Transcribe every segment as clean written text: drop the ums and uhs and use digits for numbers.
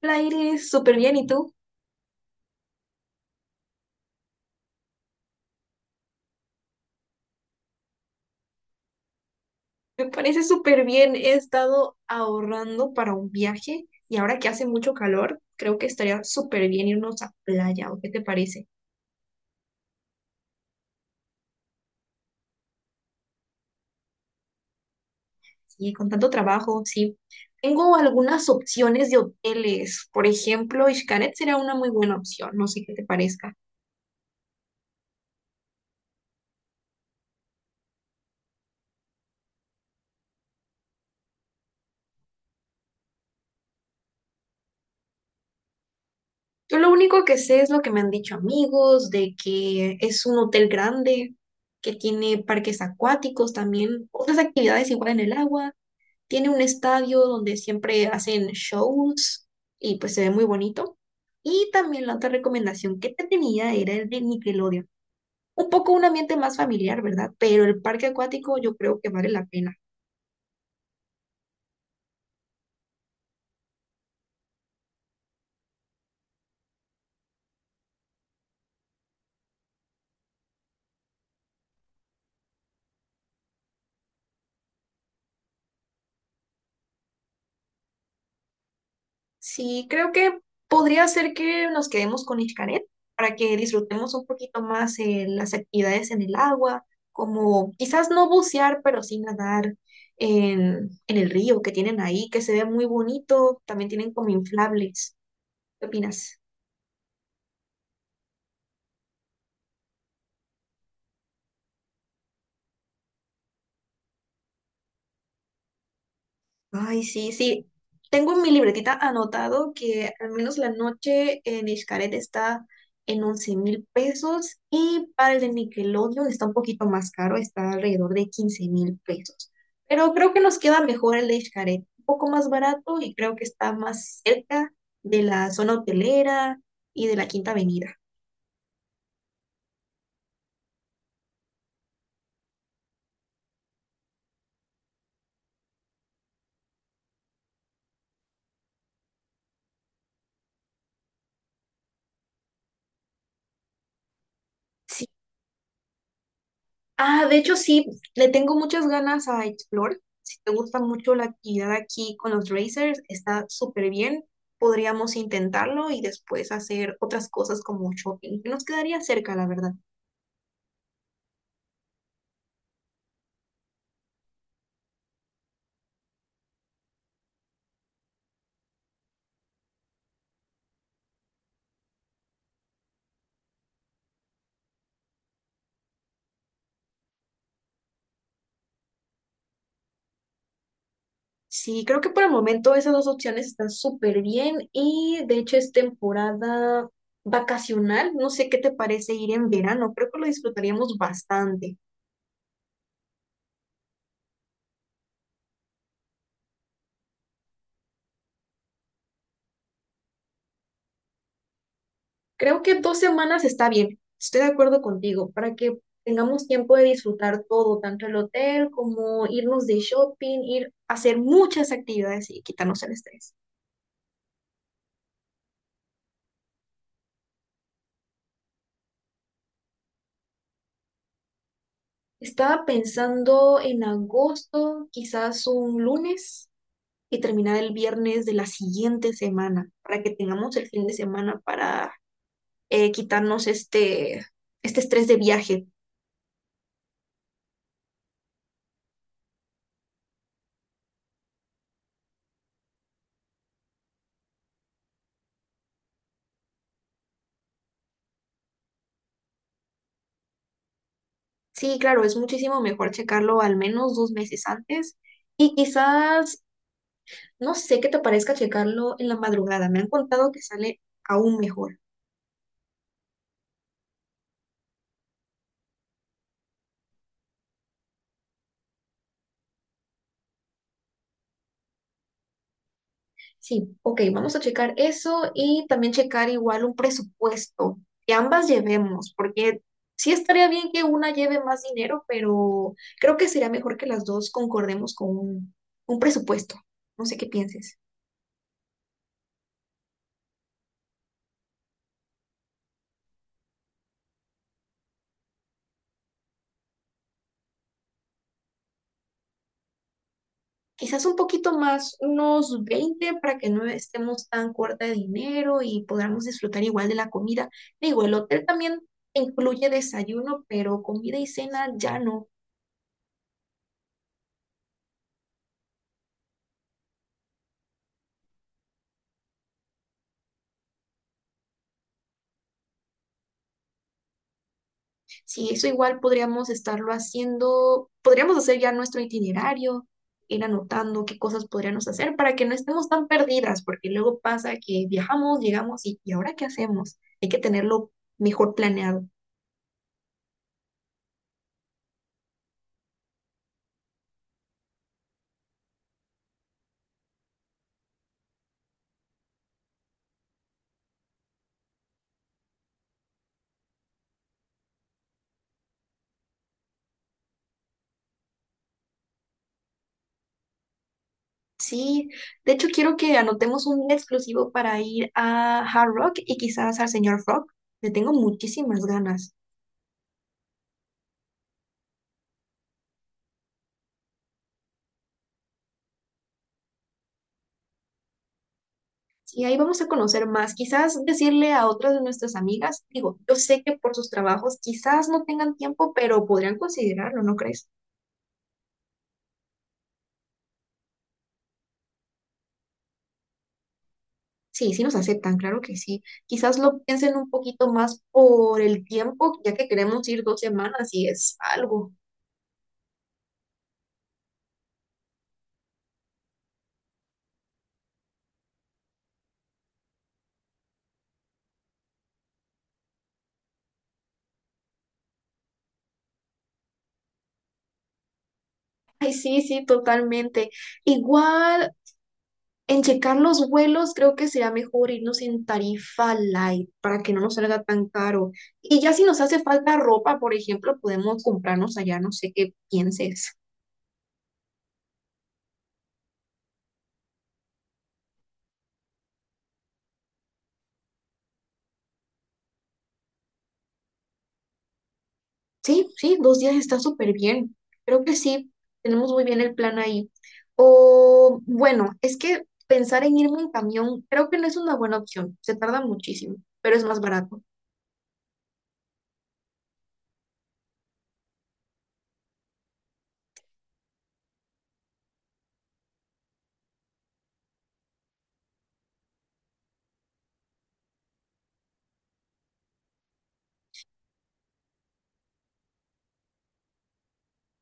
La Iris, súper bien. ¿Y tú? Me parece súper bien. He estado ahorrando para un viaje y ahora que hace mucho calor, creo que estaría súper bien irnos a playa. ¿O qué te parece? Sí, con tanto trabajo, sí. Tengo algunas opciones de hoteles. Por ejemplo, Xcaret sería una muy buena opción. No sé qué te parezca. Yo lo único que sé es lo que me han dicho amigos, de que es un hotel grande, que tiene parques acuáticos también, otras actividades igual en el agua. Tiene un estadio donde siempre hacen shows y pues se ve muy bonito. Y también la otra recomendación que te tenía era el de Nickelodeon. Un poco un ambiente más familiar, ¿verdad? Pero el parque acuático yo creo que vale la pena. Sí, creo que podría ser que nos quedemos con Xcaret para que disfrutemos un poquito más las actividades en el agua, como quizás no bucear, pero sí nadar en el río que tienen ahí, que se ve muy bonito. También tienen como inflables. ¿Qué opinas? Ay, sí, sí. Tengo en mi libretita anotado que al menos la noche en Xcaret está en 11.000 pesos y para el de Nickelodeon está un poquito más caro, está alrededor de 15.000 pesos. Pero creo que nos queda mejor el de Xcaret, un poco más barato y creo que está más cerca de la zona hotelera y de la Quinta Avenida. Ah, de hecho sí, le tengo muchas ganas a Explore. Si te gusta mucho la actividad aquí con los racers, está súper bien. Podríamos intentarlo y después hacer otras cosas como shopping, que nos quedaría cerca, la verdad. Sí, creo que por el momento esas dos opciones están súper bien y de hecho es temporada vacacional. No sé qué te parece ir en verano, creo que lo disfrutaríamos bastante. Creo que 2 semanas está bien, estoy de acuerdo contigo, para que tengamos tiempo de disfrutar todo, tanto el hotel como irnos de shopping, ir a hacer muchas actividades y quitarnos el estrés. Estaba pensando en agosto, quizás un lunes y terminar el viernes de la siguiente semana, para que tengamos el fin de semana para quitarnos este estrés de viaje. Sí, claro, es muchísimo mejor checarlo al menos 2 meses antes. Y quizás, no sé qué te parezca checarlo en la madrugada. Me han contado que sale aún mejor. Sí, ok, vamos a checar eso y también checar igual un presupuesto que ambas llevemos, porque sí estaría bien que una lleve más dinero, pero creo que sería mejor que las dos concordemos con un presupuesto. No sé qué pienses. Quizás un poquito más, unos 20 para que no estemos tan corta de dinero y podamos disfrutar igual de la comida. Digo, el hotel también incluye desayuno, pero comida y cena ya no. Si eso igual podríamos estarlo haciendo, podríamos hacer ya nuestro itinerario, ir anotando qué cosas podríamos hacer para que no estemos tan perdidas, porque luego pasa que viajamos, llegamos ¿Y ahora qué hacemos? Hay que tenerlo mejor planeado. Sí, de hecho quiero que anotemos un día exclusivo para ir a Hard Rock y quizás al señor Frog. Le tengo muchísimas ganas. Y ahí vamos a conocer más. Quizás decirle a otras de nuestras amigas, digo, yo sé que por sus trabajos quizás no tengan tiempo, pero podrían considerarlo, ¿no crees? Sí, sí nos aceptan, claro que sí. Quizás lo piensen un poquito más por el tiempo, ya que queremos ir 2 semanas y es algo. Ay, sí, sí, totalmente. Igual. En checar los vuelos, creo que sería mejor irnos en tarifa light para que no nos salga tan caro. Y ya si nos hace falta ropa, por ejemplo, podemos comprarnos allá, no sé qué pienses. Sí, sí, 2 días está súper bien. Creo que sí, tenemos muy bien el plan ahí. O bueno, es que pensar en irme en camión creo que no es una buena opción, se tarda muchísimo, pero es más barato.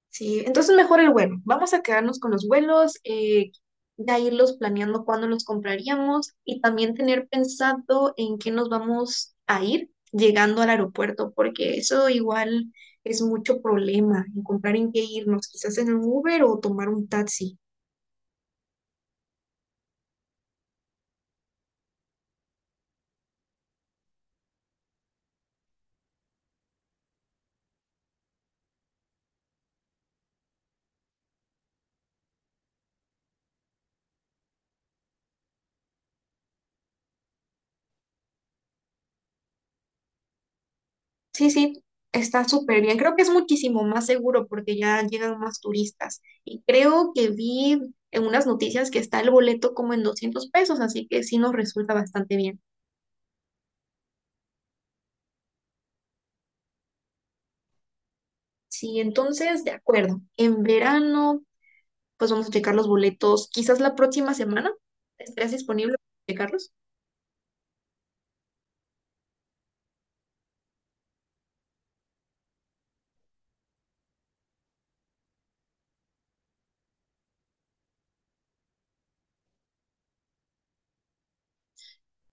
Sí, entonces mejor el vuelo. Vamos a quedarnos con los vuelos, ya irlos planeando cuándo los compraríamos y también tener pensado en qué nos vamos a ir llegando al aeropuerto, porque eso igual es mucho problema, encontrar en qué irnos, quizás en un Uber o tomar un taxi. Sí, sí, está súper bien. Creo que es muchísimo más seguro porque ya llegan más turistas y creo que vi en unas noticias que está el boleto como en 200 pesos, así que sí nos resulta bastante bien. Sí, entonces, de acuerdo. En verano, pues vamos a checar los boletos. Quizás la próxima semana estés disponible para checarlos.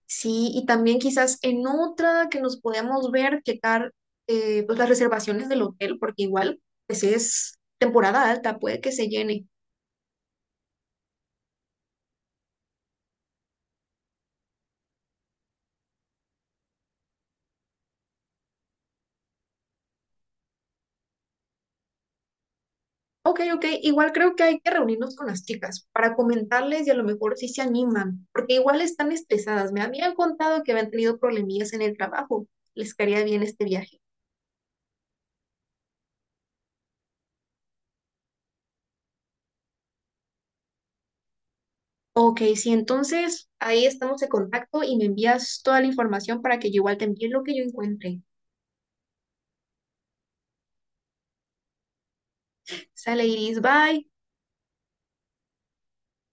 Sí, y también quizás en otra que nos podamos ver, checar pues las reservaciones del hotel, porque igual, pues es temporada alta, puede que se llene. Ok, ok, igual creo que hay que reunirnos con las chicas para comentarles y a lo mejor si se animan, porque igual están estresadas. Me habían contado que habían tenido problemillas en el trabajo. Les caería bien este viaje. Ok, sí, entonces ahí estamos en contacto y me envías toda la información para que yo igual te envíe lo que yo encuentre. Sale Iris, bye.